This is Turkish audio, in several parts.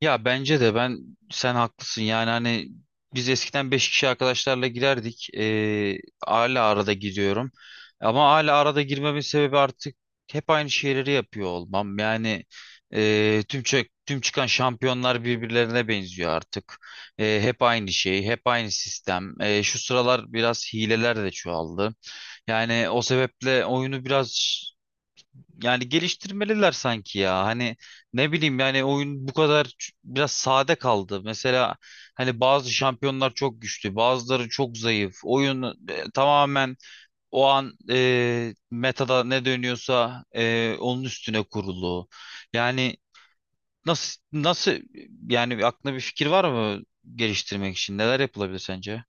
Ya bence de sen haklısın, yani hani biz eskiden 5 kişi arkadaşlarla girerdik. Hala arada giriyorum, ama hala arada girmemin sebebi artık hep aynı şeyleri yapıyor olmam, yani tüm çıkan şampiyonlar birbirlerine benziyor artık. Hep aynı şey, hep aynı sistem. Şu sıralar biraz hileler de çoğaldı, yani o sebeple oyunu biraz, yani geliştirmeliler sanki ya. Hani ne bileyim, yani oyun bu kadar biraz sade kaldı. Mesela hani bazı şampiyonlar çok güçlü, bazıları çok zayıf. Oyun tamamen o an metada ne dönüyorsa onun üstüne kurulu. Yani nasıl yani, aklına bir fikir var mı geliştirmek için? Neler yapılabilir sence?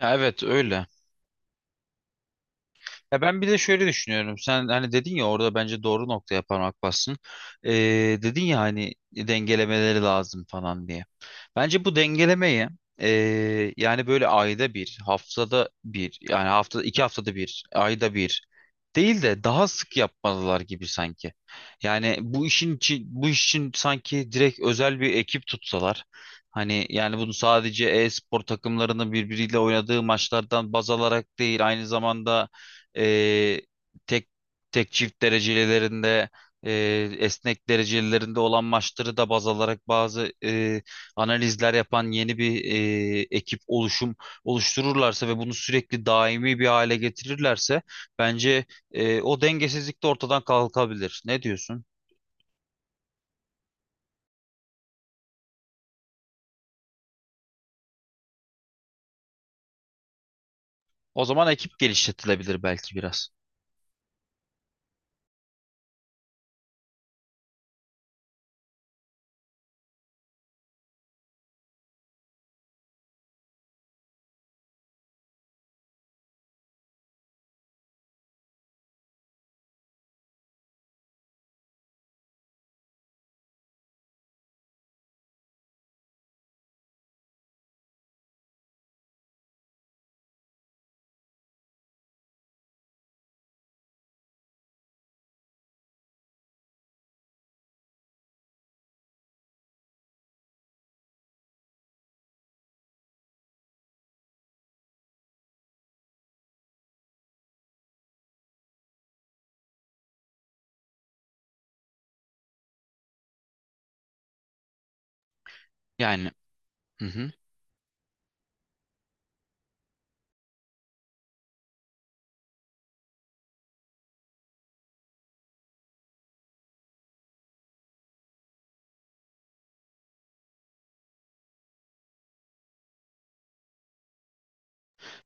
Ya evet, öyle. Ya ben bir de şöyle düşünüyorum. Sen hani dedin ya, orada bence doğru noktaya parmak bassın. Ee, Dedin ya hani, dengelemeleri lazım falan diye. Bence bu dengelemeyi yani böyle ayda bir, haftada bir, yani hafta iki haftada bir, ayda bir değil de daha sık yapmalılar gibi sanki. Yani bu iş için sanki direkt özel bir ekip tutsalar. Hani yani bunu sadece e-spor takımlarının birbiriyle oynadığı maçlardan baz alarak değil, aynı zamanda e, tek tek çift derecelerinde, e, esnek derecelerinde olan maçları da baz alarak bazı analizler yapan yeni bir ekip oluştururlarsa ve bunu sürekli daimi bir hale getirirlerse bence o dengesizlik de ortadan kalkabilir. Ne diyorsun? O zaman ekip geliştirilebilir belki biraz. Yani. Hı hı.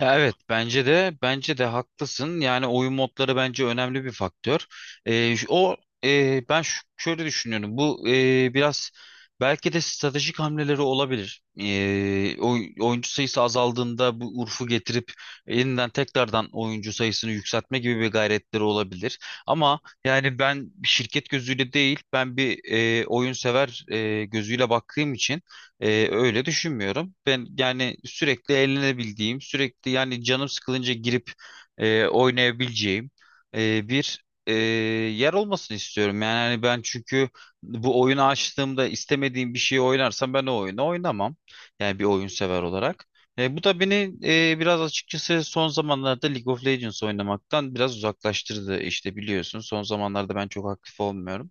Ya evet, bence de haklısın. Yani oyun modları bence önemli bir faktör. Şu- o e, ben şu- şöyle düşünüyorum. Bu biraz belki de stratejik hamleleri olabilir. Oyuncu sayısı azaldığında bu Urf'u getirip yeniden tekrardan oyuncu sayısını yükseltme gibi bir gayretleri olabilir. Ama yani ben bir şirket gözüyle değil, ben bir oyun sever gözüyle baktığım için öyle düşünmüyorum. Ben yani sürekli eğlenebildiğim, sürekli yani canım sıkılınca girip oynayabileceğim bir yer olmasını istiyorum. Yani hani ben, çünkü bu oyunu açtığımda istemediğim bir şeyi oynarsam ben o oyunu oynamam. Yani bir oyun sever olarak. Bu da beni biraz açıkçası son zamanlarda League of Legends oynamaktan biraz uzaklaştırdı. İşte biliyorsun, son zamanlarda ben çok aktif olmuyorum.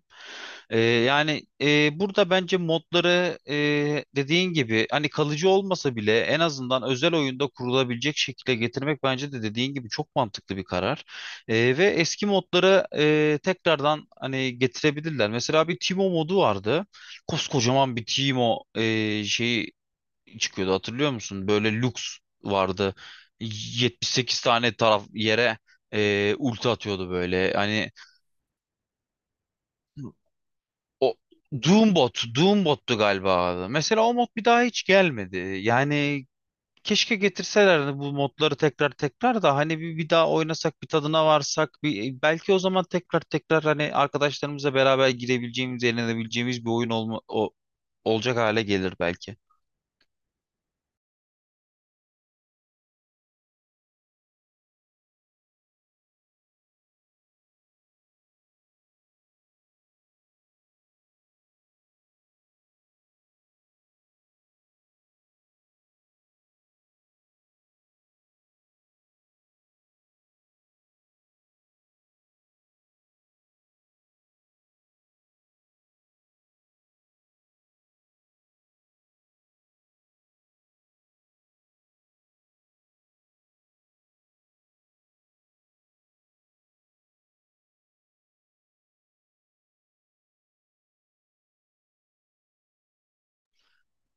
Yani burada bence modları dediğin gibi, hani kalıcı olmasa bile en azından özel oyunda kurulabilecek şekilde getirmek, bence de dediğin gibi çok mantıklı bir karar. Ve eski modları tekrardan hani getirebilirler. Mesela bir Timo modu vardı. Koskocaman bir Timo şeyi çıkıyordu, hatırlıyor musun? Böyle Lux vardı. 78 tane taraf yere ulti atıyordu böyle. Hani o Doombot'tu galiba abi. Mesela o mod bir daha hiç gelmedi. Yani keşke getirselerdi bu modları tekrar tekrar da, hani bir daha oynasak, bir tadına varsak, belki o zaman tekrar tekrar hani arkadaşlarımızla beraber girebileceğimiz, eğlenebileceğimiz bir oyun olacak hale gelir belki.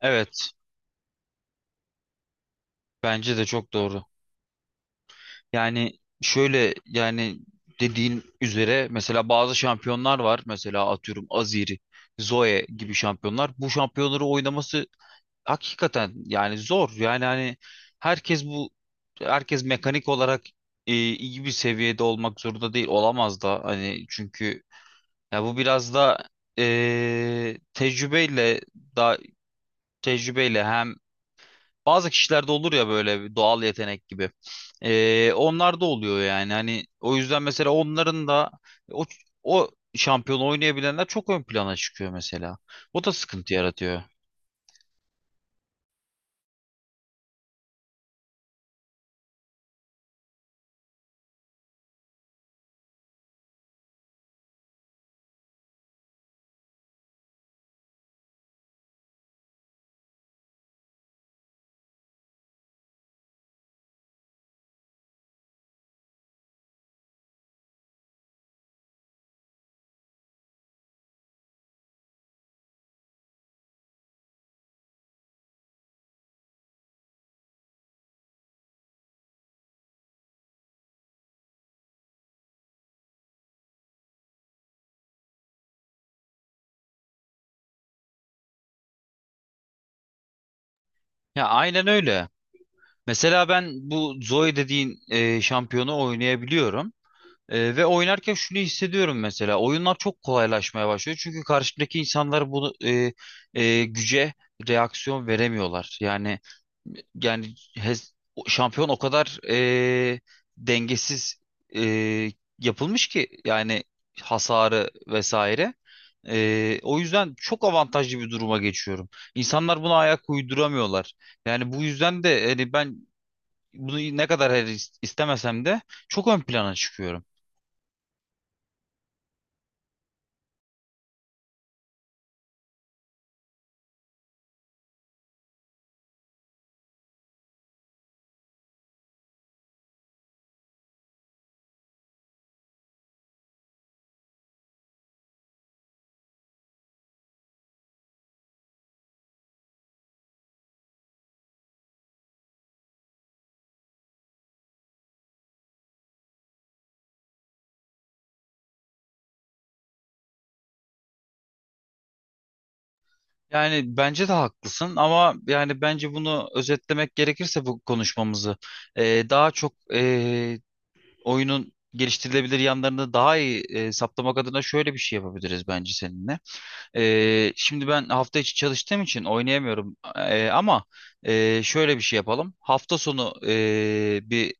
Evet, bence de çok doğru. Yani şöyle, yani dediğin üzere mesela bazı şampiyonlar var. Mesela atıyorum Aziri, Zoe gibi şampiyonlar. Bu şampiyonları oynaması hakikaten yani zor, yani hani herkes bu herkes mekanik olarak iyi bir seviyede olmak zorunda değil, olamaz da hani, çünkü ya bu biraz da e, tecrübeyle da tecrübeyle hem bazı kişilerde olur ya, böyle bir doğal yetenek gibi. Onlar da oluyor, yani hani o yüzden mesela onların da o o şampiyon oynayabilenler çok ön plana çıkıyor mesela, o da sıkıntı yaratıyor. Ya aynen öyle. Mesela ben bu Zoe dediğin şampiyonu oynayabiliyorum. Ve oynarken şunu hissediyorum mesela. Oyunlar çok kolaylaşmaya başlıyor. Çünkü karşıdaki insanlar bunu güce reaksiyon veremiyorlar. Yani hez- şampiyon o kadar dengesiz e, yapılmış ki, yani hasarı vesaire. O yüzden çok avantajlı bir duruma geçiyorum. İnsanlar buna ayak uyduramıyorlar. Yani bu yüzden de hani ben bunu ne kadar istemesem de çok ön plana çıkıyorum. Yani bence de haklısın, ama yani bence bunu özetlemek gerekirse bu konuşmamızı daha çok oyunun geliştirilebilir yanlarını daha iyi saptamak adına şöyle bir şey yapabiliriz bence seninle. Şimdi ben hafta içi çalıştığım için oynayamıyorum. Ama şöyle bir şey yapalım. Hafta sonu bir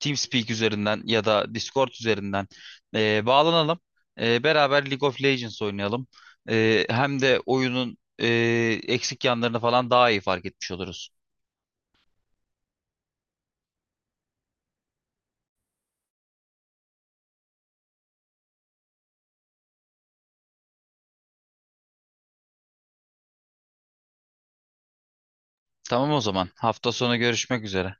TeamSpeak üzerinden ya da Discord üzerinden bağlanalım. Beraber League of Legends oynayalım. Hem de oyunun eksik yanlarını falan daha iyi fark etmiş oluruz. Tamam o zaman. Hafta sonu görüşmek üzere.